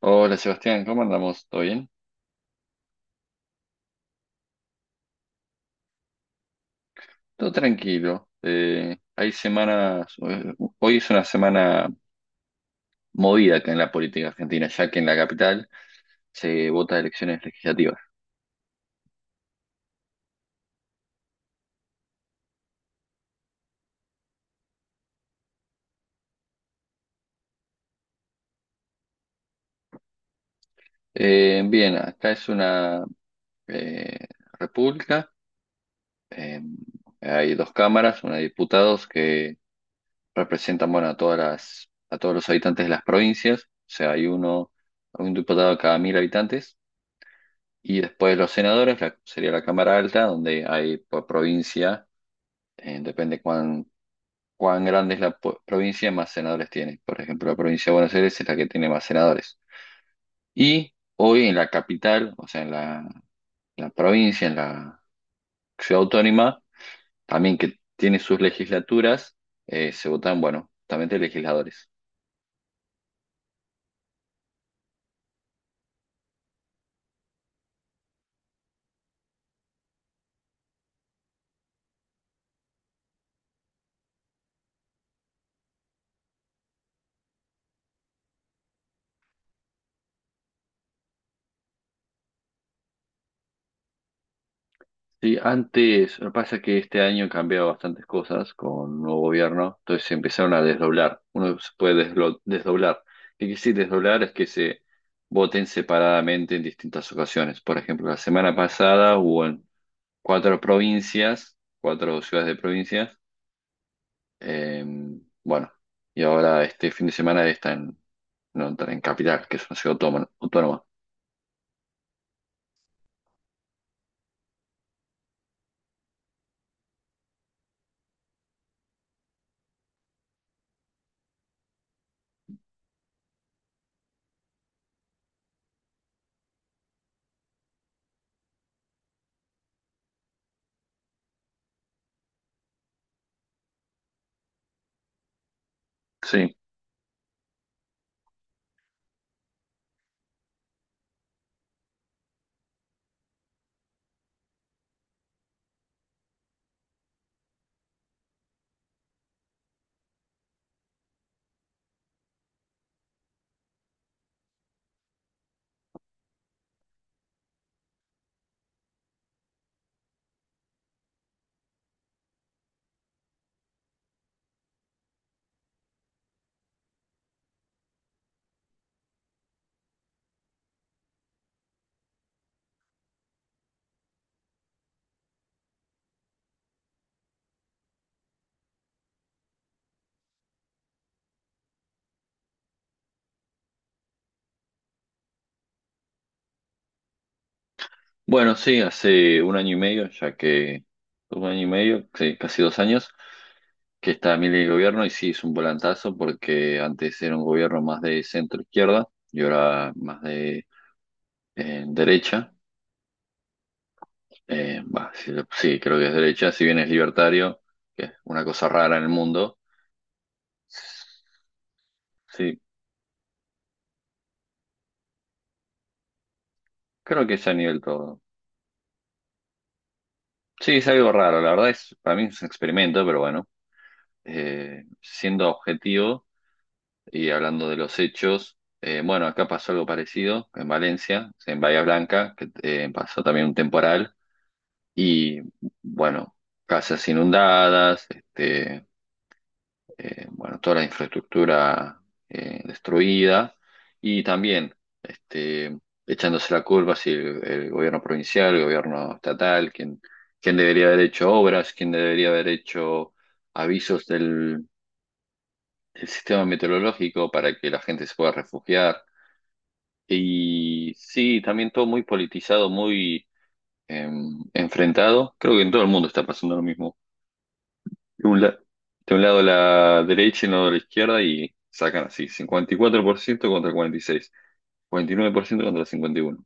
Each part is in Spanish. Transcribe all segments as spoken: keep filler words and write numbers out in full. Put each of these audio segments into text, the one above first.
Hola Sebastián, ¿cómo andamos? ¿Todo bien? Todo tranquilo. Eh, hay semanas, eh, hoy es una semana movida acá en la política argentina, ya que en la capital se vota elecciones legislativas. Eh, bien, acá es una eh, república. eh, Hay dos cámaras, una de diputados que representan, bueno, a todas las, a todos los habitantes de las provincias, o sea, hay uno, un diputado cada mil habitantes. Y después los senadores, la- sería la Cámara Alta, donde hay por provincia. Eh, depende cuán, cuán grande es la po- provincia, más senadores tiene. Por ejemplo, la provincia de Buenos Aires es la que tiene más senadores. Y hoy en la capital, o sea, en la, la provincia, en la ciudad autónoma, también que tiene sus legislaturas, eh, se votan, bueno, justamente legisladores. Sí, antes, lo que pasa es que este año han cambiado bastantes cosas con un nuevo gobierno, entonces se empezaron a desdoblar. Uno se puede deslo- desdoblar. ¿Qué quiere decir desdoblar? Es que se voten separadamente en distintas ocasiones. Por ejemplo, la semana pasada hubo en cuatro provincias, cuatro ciudades de provincias. eh, bueno, y ahora este fin de semana está en, no, en Capital, que es una ciudad autónoma. autónoma. Sí. Bueno, sí, hace un año y medio, ya que un año y medio, sí, casi dos años, que está Milei en el gobierno, y sí, es un volantazo porque antes era un gobierno más de centro izquierda y ahora más de eh, derecha. Eh, bah, sí, sí, creo que es derecha, si bien es libertario, que es una cosa rara en el mundo. Sí, creo que es a nivel todo. Sí, es algo raro, la verdad es, para mí es un experimento, pero bueno, eh, siendo objetivo. Y hablando de los hechos, eh, bueno, acá pasó algo parecido en Valencia, en Bahía Blanca, que eh, pasó también un temporal y bueno, casas inundadas, este, eh, bueno, toda la infraestructura eh, destruida y también, este, echándose la culpa si el, el gobierno provincial, el gobierno estatal, quién, quién debería haber hecho obras, quién debería haber hecho avisos del del sistema meteorológico para que la gente se pueda refugiar. Y sí, también todo muy politizado, muy em, enfrentado. Creo que en todo el mundo está pasando lo mismo. De un, la- de un lado la derecha y de lado la izquierda, y sacan así, cincuenta y cuatro por ciento contra cuarenta y seis, ciento contra cincuenta y uno.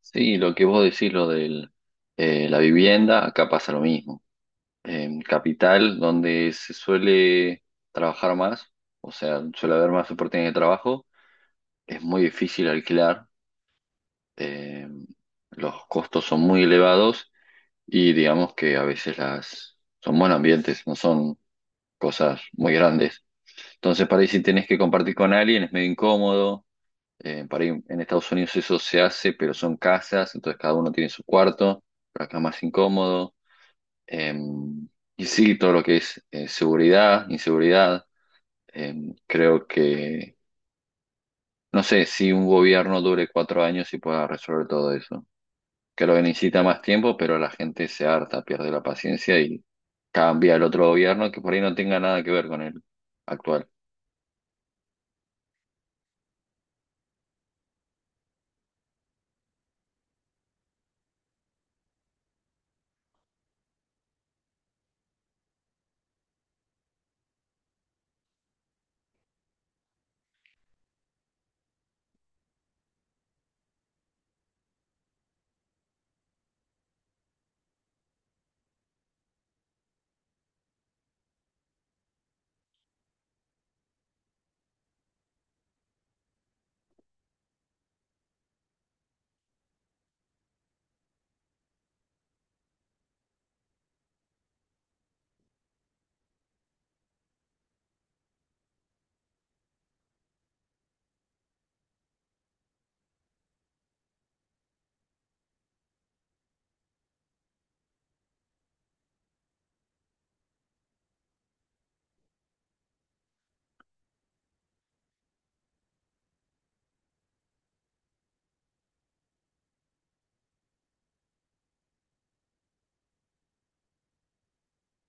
Sí, lo que vos decís, lo de la vivienda, acá pasa lo mismo. En Capital, donde se suele trabajar más, o sea, suele haber más oportunidades de trabajo, es muy difícil alquilar. eh, los costos son muy elevados y digamos que a veces las son buenos ambientes, no son cosas muy grandes. Entonces, para ahí si tenés que compartir con alguien es medio incómodo. Eh, para ahí en Estados Unidos eso se hace, pero son casas, entonces cada uno tiene su cuarto, pero acá es más incómodo. Eh, y sí, todo lo que es eh, seguridad, inseguridad. eh, Creo que, no sé, si un gobierno dure cuatro años y pueda resolver todo eso. Que lo que necesita más tiempo, pero la gente se harta, pierde la paciencia y cambia el otro gobierno que por ahí no tenga nada que ver con el actual.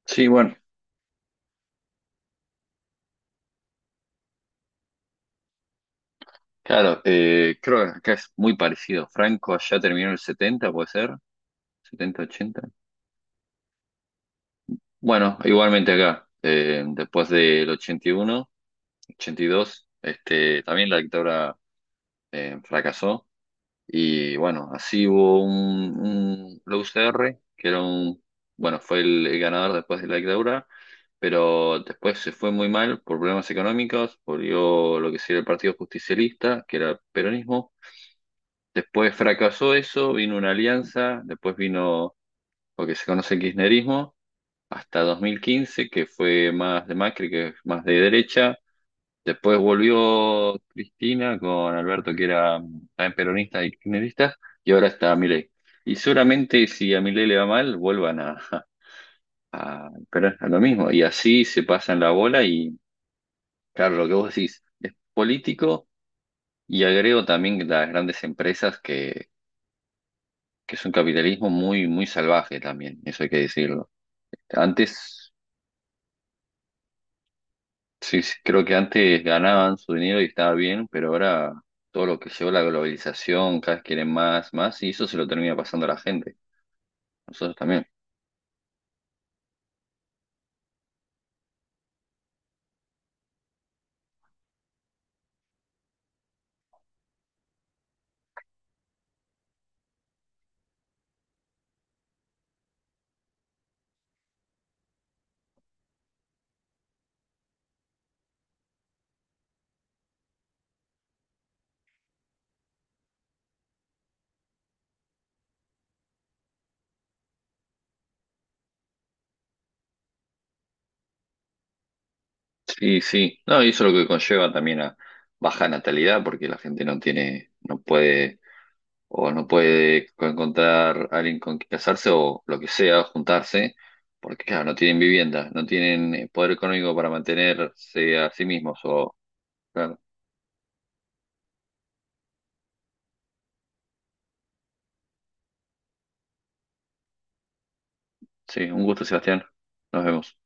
Sí, bueno, claro. Eh, creo que acá es muy parecido. Franco ya terminó el setenta, puede ser, setenta ochenta. Bueno, igualmente acá, eh, después del ochenta ochenta y uno ochenta y dos, este, también la dictadura eh, fracasó. Y bueno, así hubo un, un- la U C R, que era un, bueno, fue el, el ganador después de la dictadura, pero después se fue muy mal por problemas económicos. Volvió lo que sería el Partido Justicialista, que era el peronismo. Después fracasó eso, vino una alianza, después vino lo que se conoce el kirchnerismo, hasta dos mil quince que fue más de Macri, que es más de derecha. Después volvió Cristina con Alberto, que era mm, también peronista y kirchnerista, y ahora está Milei. Y seguramente si a Milei le va mal, vuelvan a, a, pero a lo mismo. Y así se pasan la bola. Y, claro, lo que vos decís es político, y agrego también las grandes empresas, que, que es un capitalismo muy, muy salvaje también, eso hay que decirlo. Antes. Sí, sí, creo que antes ganaban su dinero y estaba bien, pero ahora todo lo que llevó la globalización, cada vez quieren más, más, y eso se lo termina pasando a la gente, nosotros también. Sí, sí, no, y eso es lo que conlleva también a baja natalidad, porque la gente no tiene, no puede, o no puede encontrar a alguien con quien casarse o lo que sea, juntarse, porque claro, no tienen vivienda, no tienen eh, poder económico para mantenerse a sí mismos, o, claro, sí, un gusto, Sebastián, nos vemos.